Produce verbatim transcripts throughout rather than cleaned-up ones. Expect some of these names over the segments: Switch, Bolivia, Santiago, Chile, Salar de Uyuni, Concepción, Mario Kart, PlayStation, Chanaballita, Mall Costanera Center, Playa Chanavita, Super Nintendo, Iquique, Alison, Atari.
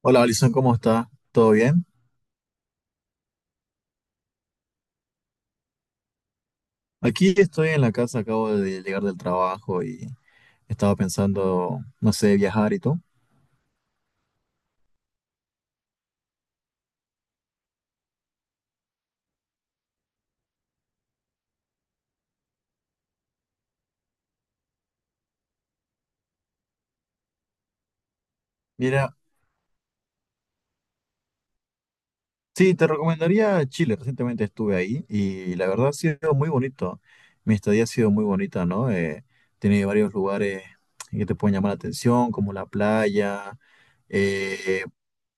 Hola, Alison, ¿cómo está? ¿Todo bien? Aquí estoy en la casa, acabo de llegar del trabajo y estaba pensando, no sé, viajar y todo. Mira, sí, te recomendaría Chile. Recientemente estuve ahí y la verdad ha sido muy bonito. Mi estadía ha sido muy bonita, ¿no? Eh, tiene varios lugares que te pueden llamar la atención, como la playa. Eh,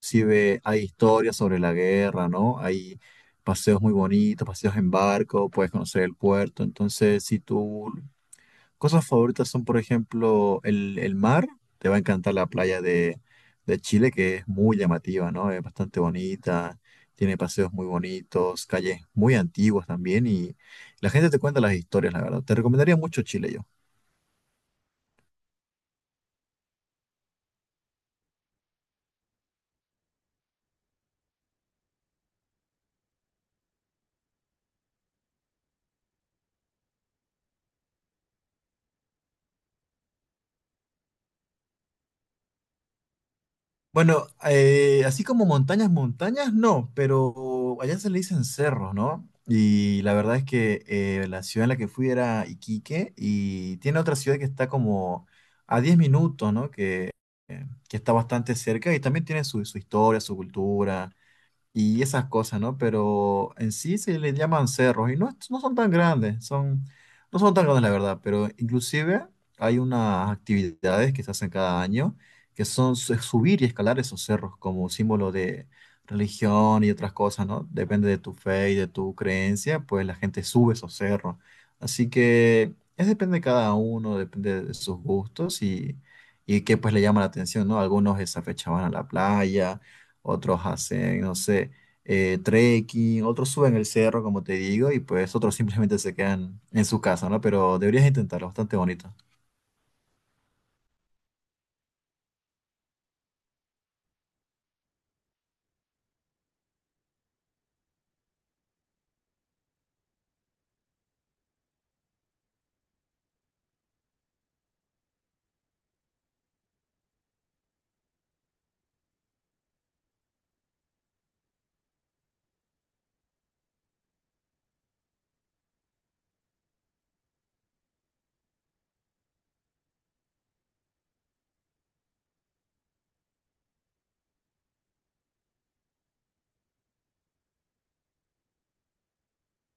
sí ve, hay historias sobre la guerra, ¿no? Hay paseos muy bonitos, paseos en barco, puedes conocer el puerto. Entonces, si tú cosas favoritas son, por ejemplo, el, el mar. Te va a encantar la playa de, de Chile, que es muy llamativa, ¿no? Es bastante bonita, tiene paseos muy bonitos, calles muy antiguas también, y la gente te cuenta las historias, la verdad. Te recomendaría mucho Chile yo. Bueno, eh, así como montañas, montañas, no, pero allá se le dicen cerros, ¿no? Y la verdad es que eh, la ciudad en la que fui era Iquique y tiene otra ciudad que está como a diez minutos, ¿no? Que, que está bastante cerca y también tiene su, su historia, su cultura y esas cosas, ¿no? Pero en sí se les llaman cerros y no, es- no son tan grandes, son, no son tan grandes la verdad, pero inclusive hay unas actividades que se hacen cada año que son su- subir y escalar esos cerros como símbolo de religión y otras cosas, ¿no? Depende de tu fe y de tu creencia, pues la gente sube esos cerros. Así que es depende de cada uno, depende de sus gustos y, y qué pues le llama la atención, ¿no? Algunos esa fecha van a la playa, otros hacen, no sé, eh, trekking, otros suben el cerro, como te digo, y pues otros simplemente se quedan en su casa, ¿no? Pero deberías intentarlo, bastante bonito.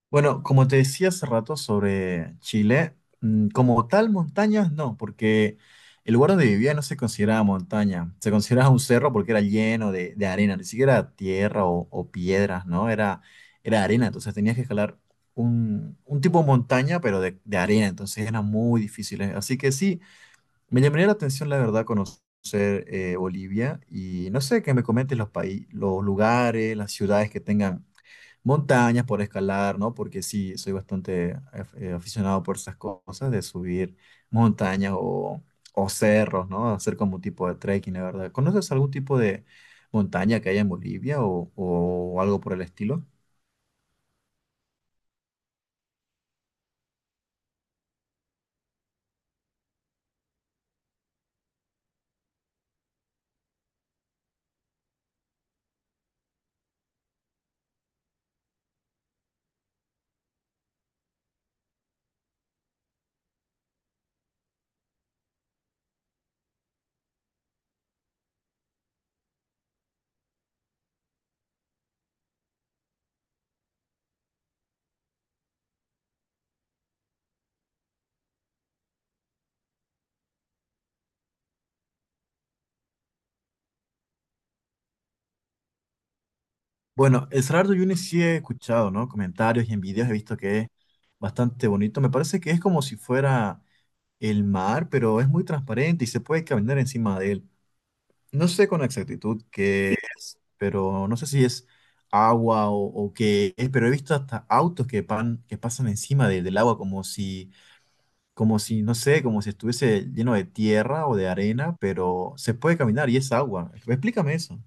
Bueno, como te decía hace rato sobre Chile, mm, como tal montañas no, porque el lugar donde vivía no se consideraba montaña, se consideraba un cerro porque era lleno de, de arena, ni siquiera tierra o, o piedras, ¿no? Era, era arena, entonces tenías que escalar un, un tipo de montaña, pero de, de arena, entonces era muy difícil. ¿Eh? Así que sí, me llamaría la atención, la verdad, conocer eh, Bolivia y no sé, que me comentes los países, los lugares, las ciudades que tengan montañas por escalar, ¿no? Porque sí, soy bastante af- eh, aficionado por esas cosas de subir montañas o, o cerros, ¿no? Hacer como un tipo de trekking, la verdad. ¿Conoces algún tipo de montaña que haya en Bolivia o, o algo por el estilo? Bueno, el Salar de Uyuni sí he escuchado, ¿no? Comentarios y en videos he visto que es bastante bonito. Me parece que es como si fuera el mar, pero es muy transparente y se puede caminar encima de él. No sé con exactitud qué es, pero no sé si es agua o, o qué es, pero he visto hasta autos que, pan- que pasan encima de- del agua como si, como si, no sé, como si estuviese lleno de tierra o de arena, pero se puede caminar y es agua. Explícame eso.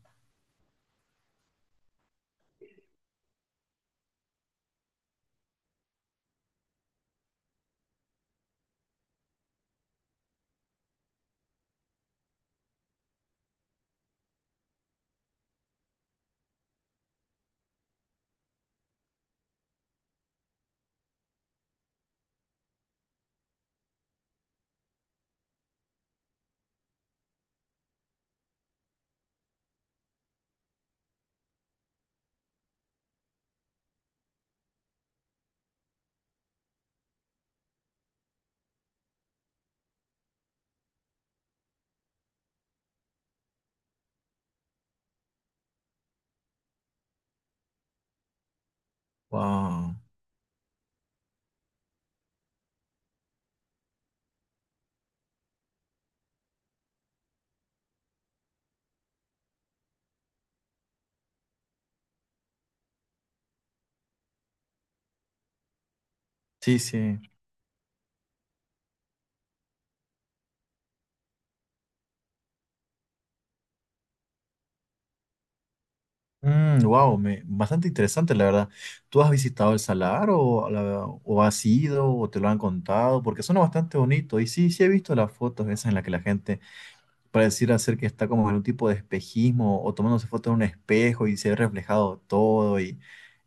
Wow. Sí, sí. Wow, bastante interesante la verdad. ¿Tú has visitado el Salar o, a la- o has ido o te lo han contado? Porque suena bastante bonito. Y sí, sí he visto las fotos esas en las que la gente pareciera ser que está como en un tipo de espejismo o tomándose fotos en un espejo y se ve reflejado todo y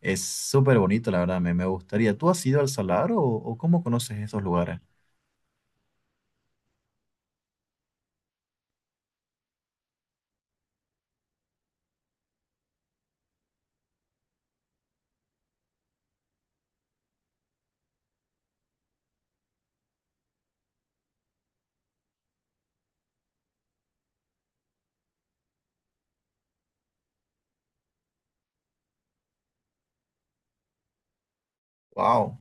es súper bonito la verdad, me, me gustaría. ¿Tú has ido al Salar o, o cómo conoces esos lugares? Wow.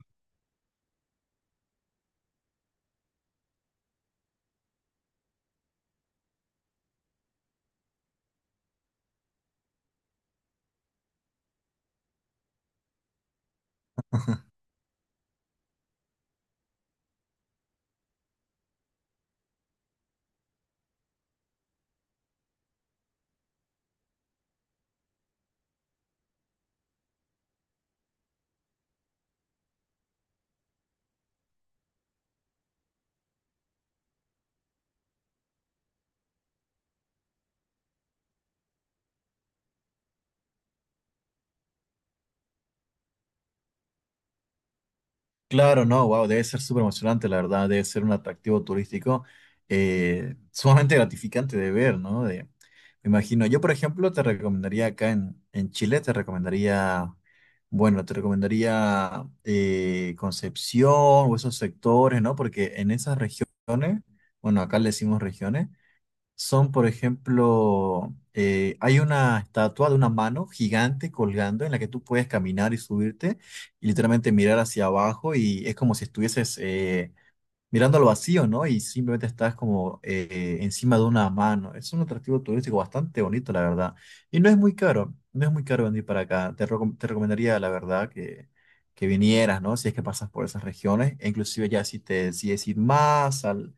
Claro, no, wow, debe ser súper emocionante, la verdad, debe ser un atractivo turístico eh, sumamente gratificante de ver, ¿no? De, me imagino, yo por ejemplo te recomendaría acá en, en Chile, te recomendaría, bueno, te recomendaría eh, Concepción o esos sectores, ¿no? Porque en esas regiones, bueno, acá le decimos regiones, son, por ejemplo, eh, hay una estatua de una mano gigante colgando en la que tú puedes caminar y subirte y literalmente mirar hacia abajo y es como si estuvieses eh, mirando al vacío, ¿no? Y simplemente estás como eh, encima de una mano. Es un atractivo turístico bastante bonito, la verdad. Y no es muy caro, no es muy caro venir para acá. Te, recom- te recomendaría, la verdad, que, que vinieras, ¿no? Si es que pasas por esas regiones, e inclusive ya si te decides ir más al,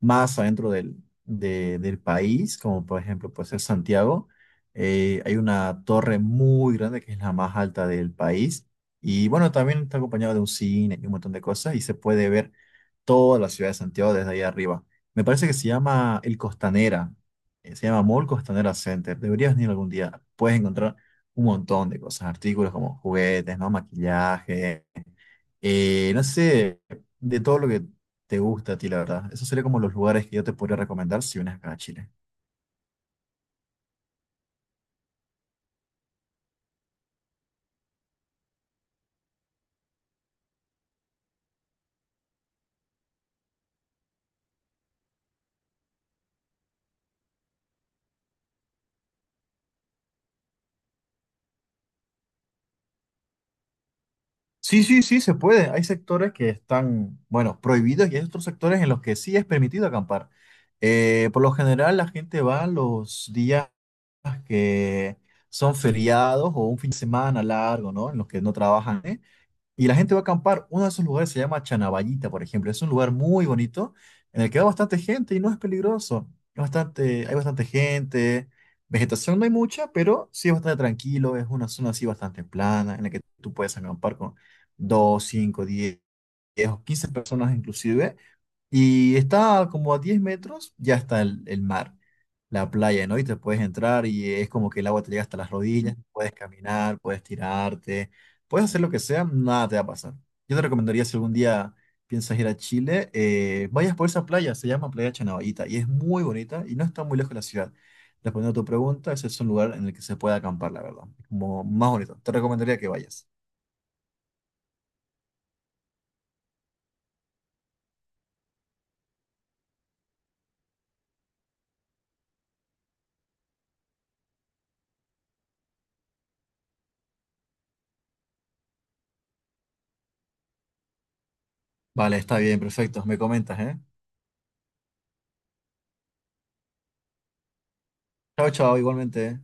más adentro del, de- del país, como por ejemplo puede ser Santiago, eh, hay una torre muy grande que es la más alta del país. Y bueno, también está acompañado de un cine y un montón de cosas y se puede ver toda la ciudad de Santiago desde ahí arriba. Me parece que se llama el Costanera, eh, se llama Mall Costanera Center. Deberías venir algún día. Puedes encontrar un montón de cosas, artículos como juguetes, ¿no? Maquillaje, eh, no sé, de todo lo que te gusta a ti, la verdad. Esos serían como los lugares que yo te podría recomendar si vienes acá a Chile. Sí, sí, sí, se puede. Hay sectores que están, bueno, prohibidos y hay otros sectores en los que sí es permitido acampar. Eh, por lo general, la gente va los días que son feriados o un fin de semana largo, ¿no? En los que no trabajan, ¿eh? Y la gente va a acampar. Uno de esos lugares se llama Chanaballita, por ejemplo. Es un lugar muy bonito en el que va bastante gente y no es peligroso. Es bastante, hay bastante gente. Vegetación no hay mucha, pero sí es bastante tranquilo. Es una zona así bastante plana en la que tú puedes acampar con dos, cinco, diez o quince personas inclusive y está como a diez metros, ya está el, el mar, la playa, ¿no? Y te puedes entrar y es como que el agua te llega hasta las rodillas, puedes caminar, puedes tirarte, puedes hacer lo que sea, nada te va a pasar. Yo te recomendaría si algún día piensas ir a Chile, eh, vayas por esa playa, se llama Playa Chanavita y es muy bonita y no está muy lejos de la ciudad. Respondiendo a tu pregunta, ese es un lugar en el que se puede acampar, la verdad. Es como más bonito. Te recomendaría que vayas. Vale, está bien, perfecto. Me comentas, ¿eh? Chao, chao, igualmente.